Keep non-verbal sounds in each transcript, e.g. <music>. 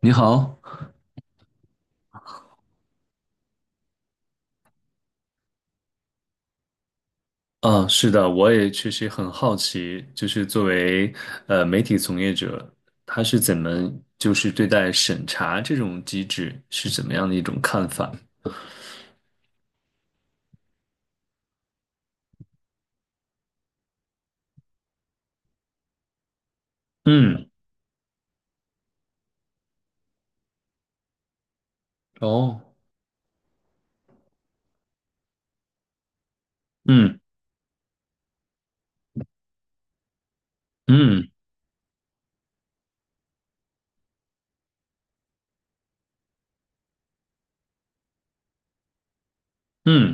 你好，啊，是的，我也确实很好奇，就是作为媒体从业者，他是怎么就是对待审查这种机制是怎么样的一种看法？嗯，哦，嗯嗯嗯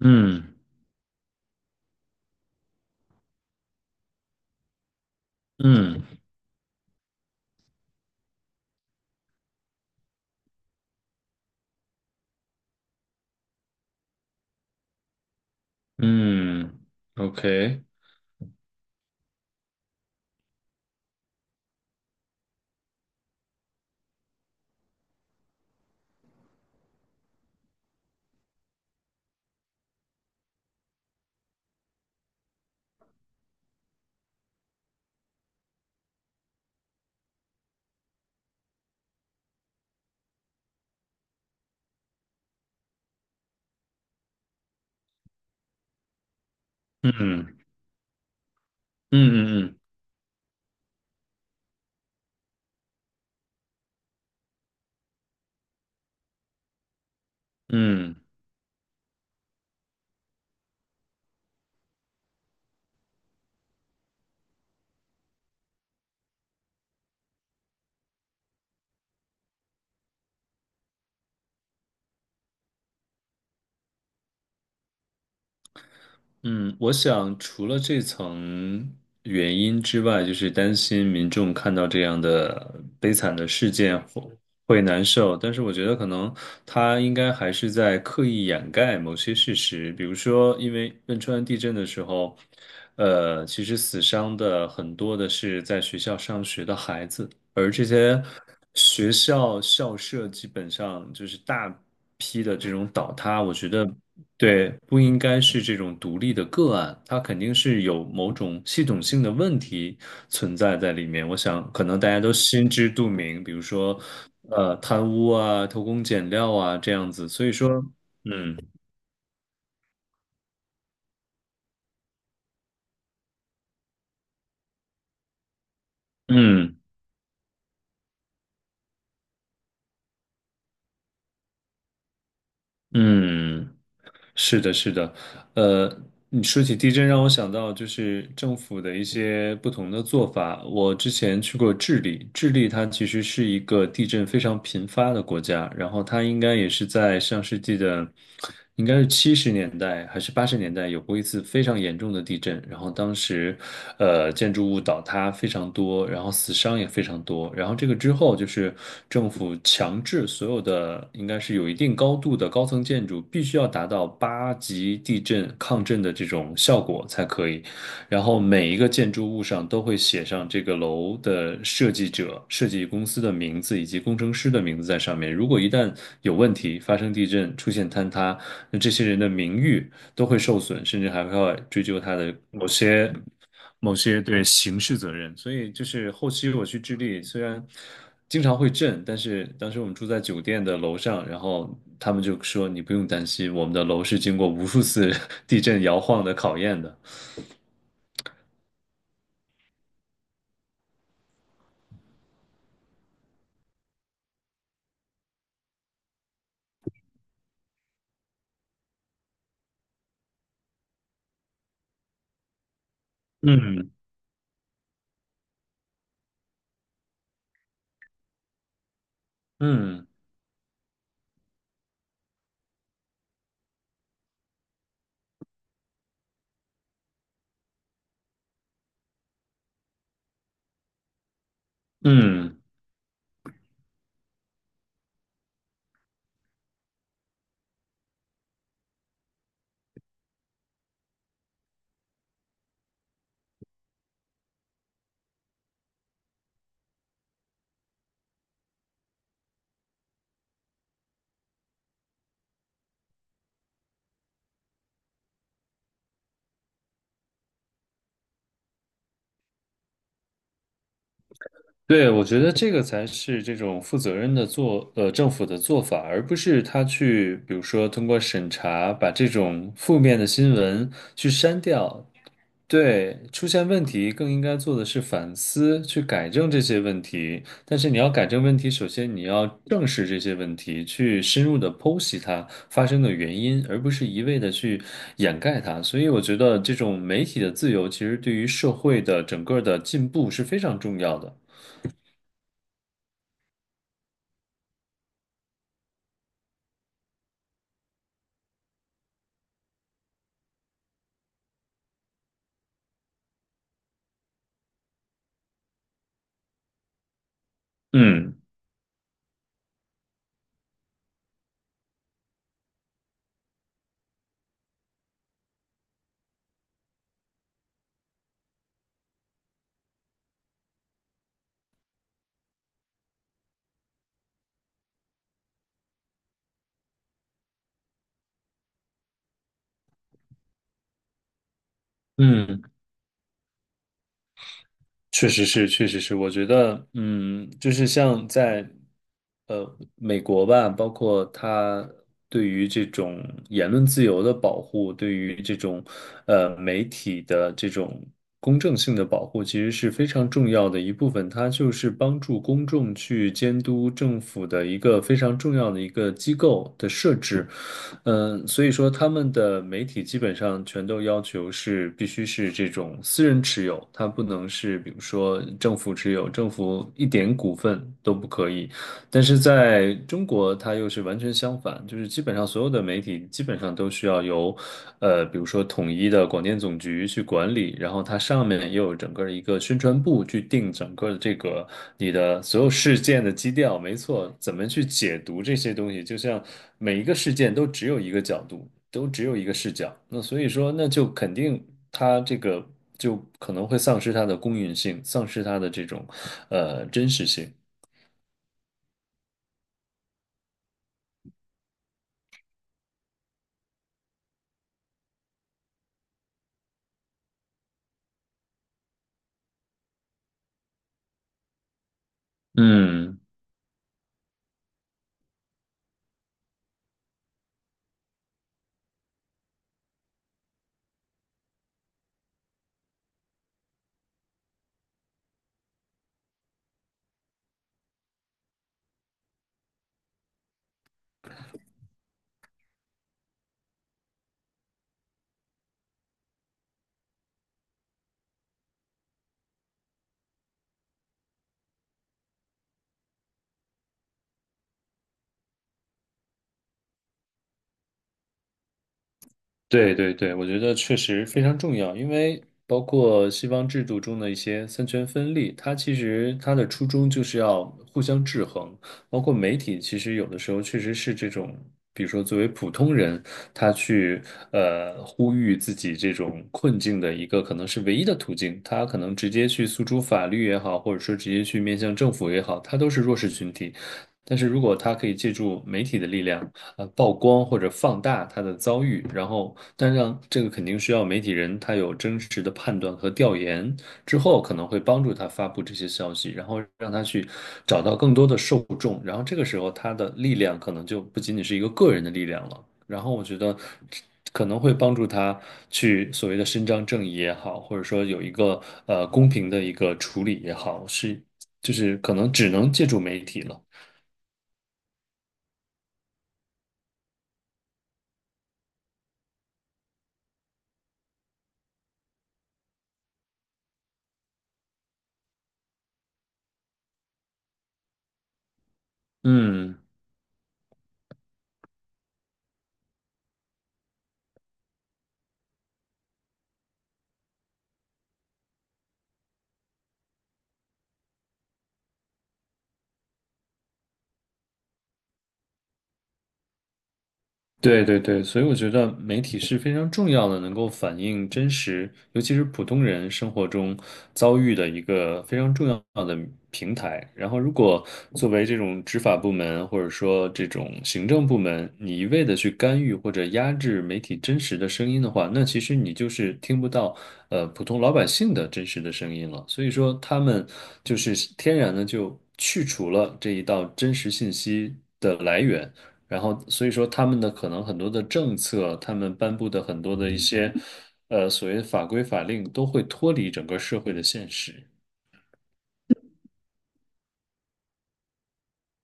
嗯嗯嗯，OK，嗯嗯嗯嗯嗯。嗯，我想除了这层原因之外，就是担心民众看到这样的悲惨的事件会难受，但是我觉得可能他应该还是在刻意掩盖某些事实，比如说，因为汶川地震的时候，其实死伤的很多的是在学校上学的孩子，而这些学校校舍基本上就是大批的这种倒塌，我觉得。对，不应该是这种独立的个案，它肯定是有某种系统性的问题存在在里面。我想，可能大家都心知肚明，比如说，贪污啊、偷工减料啊这样子。所以说，嗯嗯嗯。是的，是的，呃，你说起地震，让我想到就是政府的一些不同的做法。我之前去过智利，智利它其实是一个地震非常频发的国家，然后它应该也是在上世纪的，应该是70年代还是80年代有过一次非常严重的地震，然后当时，建筑物倒塌非常多，然后死伤也非常多。然后这个之后，就是政府强制所有的应该是有一定高度的高层建筑必须要达到8级地震抗震的这种效果才可以。然后每一个建筑物上都会写上这个楼的设计者、设计公司的名字以及工程师的名字在上面。如果一旦有问题，发生地震、出现坍塌，那这些人的名誉都会受损，甚至还会追究他的某些对刑事责任。所以就是后期我去智利，虽然经常会震，但是当时我们住在酒店的楼上，然后他们就说你不用担心，我们的楼是经过无数次 <laughs> 地震摇晃的考验的。嗯嗯嗯，对，我觉得这个才是这种负责任的做，政府的做法，而不是他去，比如说通过审查把这种负面的新闻去删掉，对，出现问题更应该做的是反思，去改正这些问题。但是你要改正问题，首先你要正视这些问题，去深入的剖析它发生的原因，而不是一味的去掩盖它。所以我觉得这种媒体的自由，其实对于社会的整个的进步是非常重要的。嗯嗯。确实是，确实是，我觉得，嗯，就是像在，美国吧，包括它对于这种言论自由的保护，对于这种，媒体的这种公正性的保护，其实是非常重要的一部分。它就是帮助公众去监督政府的一个非常重要的一个机构的设置。嗯，所以说他们的媒体基本上全都要求是必须是这种私人持有，它不能是比如说政府持有，政府一点股份都不可以。但是在中国，它又是完全相反，就是基本上所有的媒体基本上都需要由，比如说统一的广电总局去管理，然后它上面又有整个一个宣传部去定整个的这个你的所有事件的基调，没错，怎么去解读这些东西，就像每一个事件都只有一个角度，都只有一个视角，那所以说，那就肯定它这个就可能会丧失它的公允性，丧失它的这种真实性，嗯。对对对，我觉得确实非常重要，因为包括西方制度中的一些三权分立，它其实它的初衷就是要互相制衡。包括媒体，其实有的时候确实是这种，比如说作为普通人，他去呼吁自己这种困境的一个可能是唯一的途径，他可能直接去诉诸法律也好，或者说直接去面向政府也好，他都是弱势群体。但是如果他可以借助媒体的力量，曝光或者放大他的遭遇，然后但让这个肯定需要媒体人他有真实的判断和调研之后，可能会帮助他发布这些消息，然后让他去找到更多的受众，然后这个时候他的力量可能就不仅仅是一个个人的力量了，然后我觉得。可能会帮助他去所谓的伸张正义也好，或者说有一个公平的一个处理也好，是就是可能只能借助媒体了。嗯。对对对，所以我觉得媒体是非常重要的，能够反映真实，尤其是普通人生活中遭遇的一个非常重要的平台。然后，如果作为这种执法部门或者说这种行政部门，你一味的去干预或者压制媒体真实的声音的话，那其实你就是听不到普通老百姓的真实的声音了。所以说，他们就是天然的就去除了这一道真实信息的来源。然后所以说他们的可能很多的政策，他们颁布的很多的一些所谓的法规法令都会脱离整个社会的现实。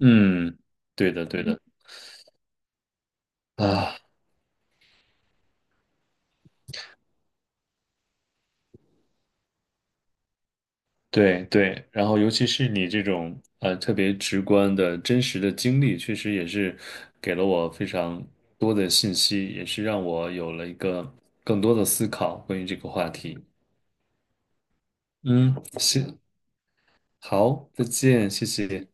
嗯，对的，对的。啊，对对，然后尤其是你这种特别直观的真实的经历，确实也是给了我非常多的信息，也是让我有了一个更多的思考关于这个话题。嗯，行，好，再见，谢谢。